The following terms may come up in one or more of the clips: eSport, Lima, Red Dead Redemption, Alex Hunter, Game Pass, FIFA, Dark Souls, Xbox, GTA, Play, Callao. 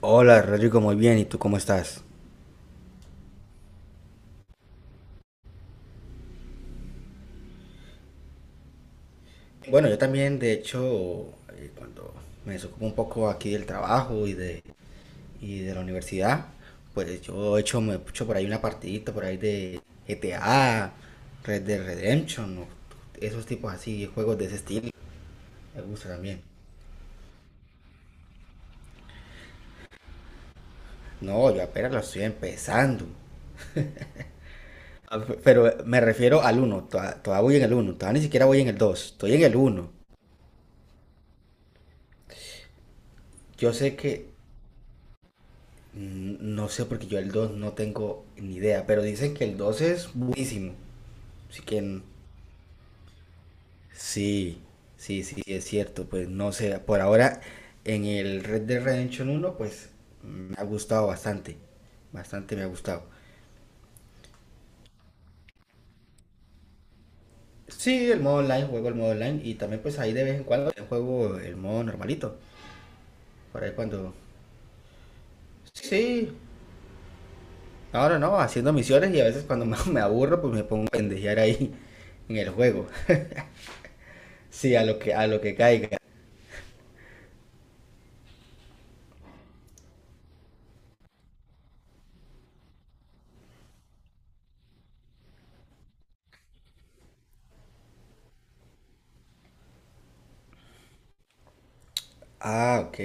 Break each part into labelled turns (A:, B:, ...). A: Hola Rodrigo, muy bien. ¿Y tú cómo estás? Bueno, yo también, de hecho, cuando me desocupo un poco aquí del trabajo y de la universidad, pues yo he hecho, me he hecho por ahí una partidita por ahí de GTA, Red Dead Redemption, o esos tipos así, juegos de ese estilo. Me gusta también. No, yo apenas lo estoy empezando. Pero me refiero al 1, todavía voy en el uno. Todavía ni siquiera voy en el 2. Estoy en el uno. Yo sé que Mm, No sé, porque yo el 2 no tengo ni idea, pero dicen que el 2 es buenísimo. Así que n- sí, sí, es cierto. Pues no sé, por ahora en el Red Dead Redemption uno pues me ha gustado bastante. Bastante me ha gustado. Sí, el modo online, juego el modo online y también pues ahí de vez en cuando juego el modo normalito. Por ahí cuando... Sí, sí. Ahora no, no, no, haciendo misiones y a veces cuando me aburro pues me pongo a pendejear ahí en el juego. Sí, a lo que caiga. Ah, ok.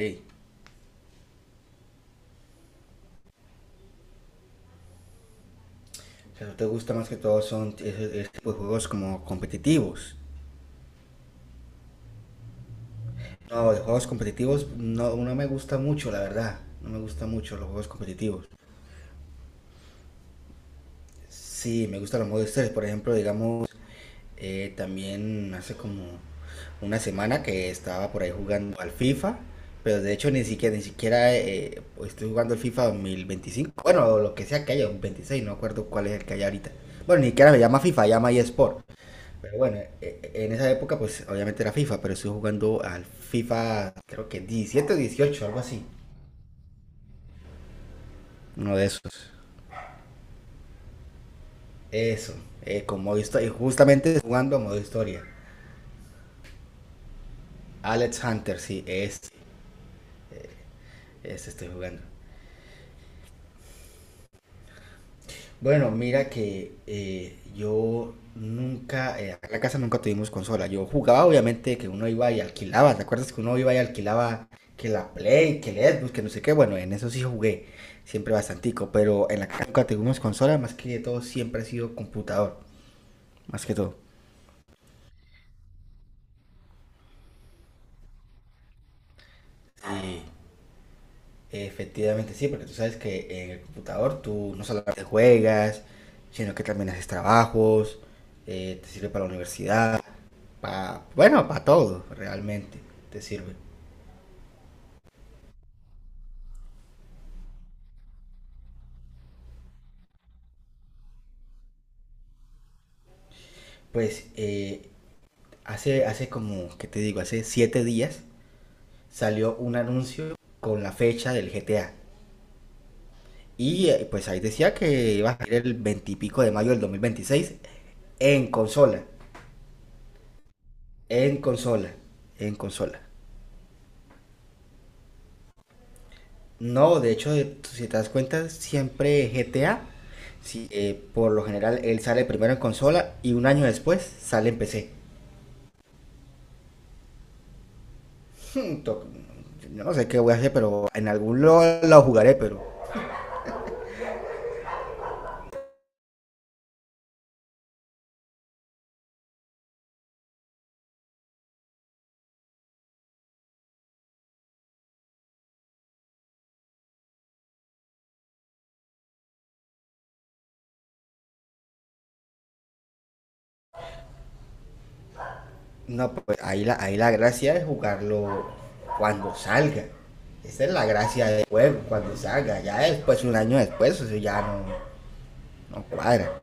A: O sea, ¿no te gusta más que todo son ese tipo de juegos como competitivos? No, de juegos competitivos no, no me gusta mucho, la verdad. No me gusta mucho los juegos competitivos. Sí, me gustan los modos historia. Por ejemplo, digamos, también hace como una semana que estaba por ahí jugando al FIFA, pero de hecho ni siquiera, estoy jugando el FIFA 2025. Bueno, lo que sea que haya, un 26, no acuerdo cuál es el que hay ahorita. Bueno, ni siquiera me llama FIFA, llama eSport. Pero bueno, en esa época pues obviamente era FIFA, pero estuve jugando al FIFA creo que 17 o 18, algo así. Uno de esos. Eso, con modo historia. Y justamente jugando a modo historia. Alex Hunter, sí, este estoy jugando. Bueno, mira que yo nunca, acá en la casa nunca tuvimos consola. Yo jugaba, obviamente, que uno iba y alquilaba. ¿Te acuerdas que uno iba y alquilaba que la Play, que el Xbox, que no sé qué? Bueno, en eso sí jugué, siempre bastantico, pero en la casa nunca tuvimos consola, más que todo siempre ha sido computador, más que todo. Sí, efectivamente sí, porque tú sabes que en el computador tú no solamente juegas, sino que también haces trabajos, te sirve para la universidad. Pa, bueno, para todo, realmente, te sirve. Pues hace como, ¿qué te digo? Hace 7 días salió un anuncio con la fecha del GTA. Y pues ahí decía que iba a salir el veintipico de mayo del dos mil veintiséis en consola. En consola. En consola. No, de hecho, si te das cuenta, siempre GTA, si, por lo general, él sale primero en consola y un año después sale en PC. No sé qué voy a hacer, pero en algún lo jugaré, pero no, pues ahí la gracia es jugarlo cuando salga. Esa es la gracia del juego, cuando salga. Ya después, un año después, eso ya no, no cuadra.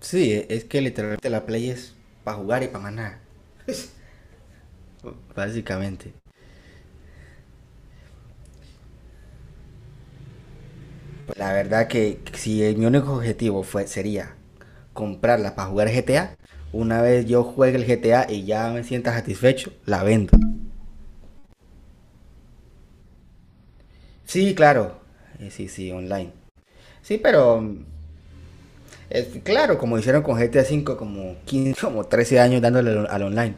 A: Sí, es que literalmente la Play es para jugar y para más nada, básicamente. Pues la verdad que si el- mi único objetivo fue, sería comprarla para jugar GTA, una vez yo juegue el GTA y ya me sienta satisfecho, la vendo. Sí, claro. Sí, sí, online. Sí, pero claro, como hicieron con GTA V, como 15, como 13 años dándole al, al online.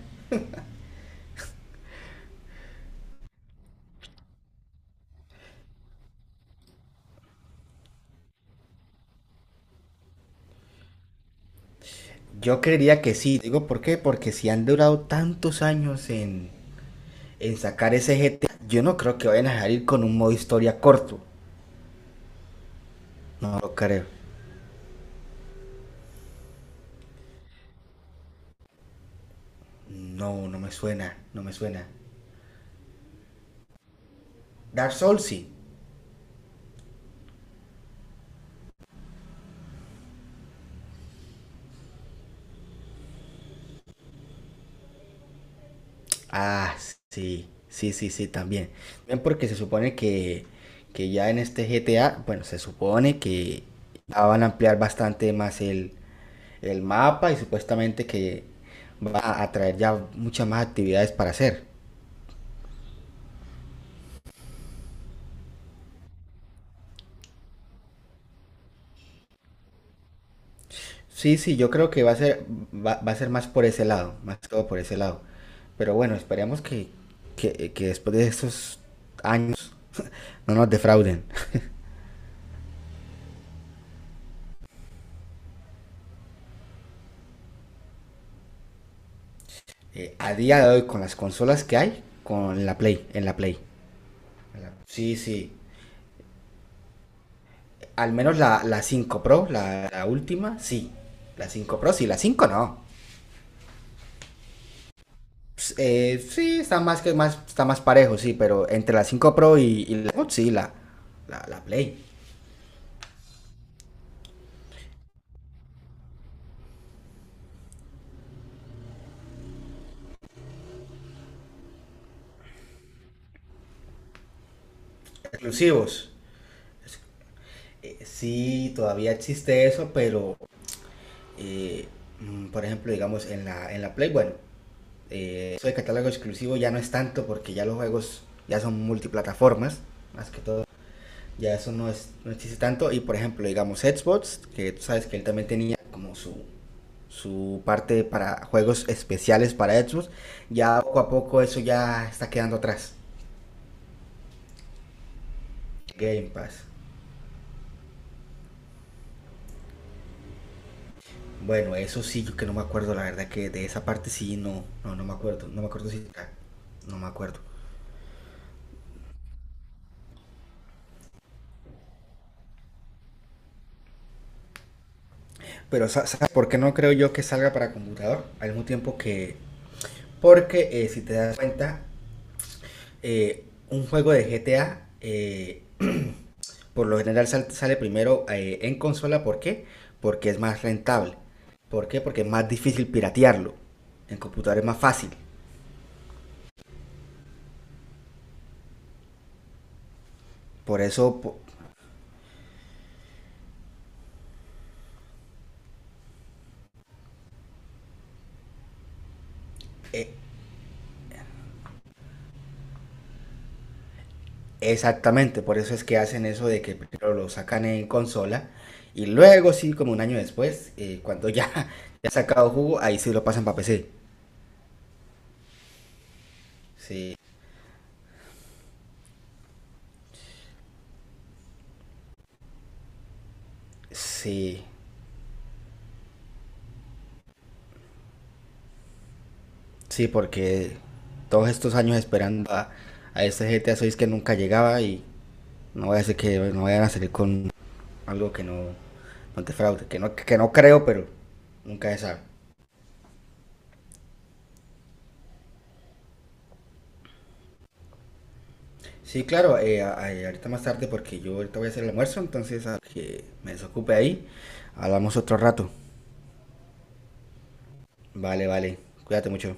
A: Yo creería que sí. Digo, ¿por qué? Porque si han durado tantos años en sacar ese GTA, yo no creo que vayan a salir con un modo historia corto. No lo creo. No, no me suena, no me suena. Dark Souls sí. Ah, sí, sí, sí, sí, también. También porque que ya en este GTA, bueno, se supone que ya van a ampliar bastante más el mapa y supuestamente que va a traer ya muchas más actividades para hacer. Sí, sí, yo creo que va, va a ser más por ese lado, más que todo por ese lado. Pero bueno, esperemos que después de estos años no nos defrauden. A día de hoy, con las consolas que hay, con la Play, en la Play. Sí, sí. Al menos la 5 Pro, la última, sí. La 5 Pro, sí, la 5, no. Pues, sí, está más que más, está más parejo, sí, pero entre la 5 Pro y la Xbox, sí, la Play. Exclusivos. Sí, todavía existe eso, pero eh, por ejemplo, digamos, en en la Play, bueno, eso de catálogo exclusivo ya no es tanto porque ya los juegos ya son multiplataformas, más que todo. Ya eso no, no existe tanto. Y por ejemplo, digamos Xbox, que tú sabes que él también tenía como su parte para juegos especiales para Xbox. Ya poco a poco eso ya está quedando atrás. Game Pass. Bueno, eso sí, yo que no me acuerdo, la verdad que de esa parte sí, no, no, no me acuerdo. No me acuerdo si... No me acuerdo. Pero ¿sabes por qué no creo yo que salga para computador? Al mismo tiempo que... Porque si te das cuenta, eh, un juego de GTA por lo general sale primero en consola, ¿por qué? Porque es más rentable. ¿Por qué? Porque es más difícil piratearlo. En computador es más fácil. Por eso, po- eh, exactamente, por eso es que hacen eso de que primero lo sacan en consola y luego sí, como un año después, cuando ya, ya ha sacado jugo, ahí sí lo pasan para PC. Sí, sí, sí, porque todos estos años esperando a este GTA 6 que nunca llegaba y no voy a hacer que no vayan a salir con algo que no, no te fraude, que no creo, pero nunca se sabe. Sí, claro, ahorita más tarde porque yo ahorita voy a hacer el almuerzo, entonces a que me desocupe ahí, hablamos otro rato. Vale, vale, cuídate mucho.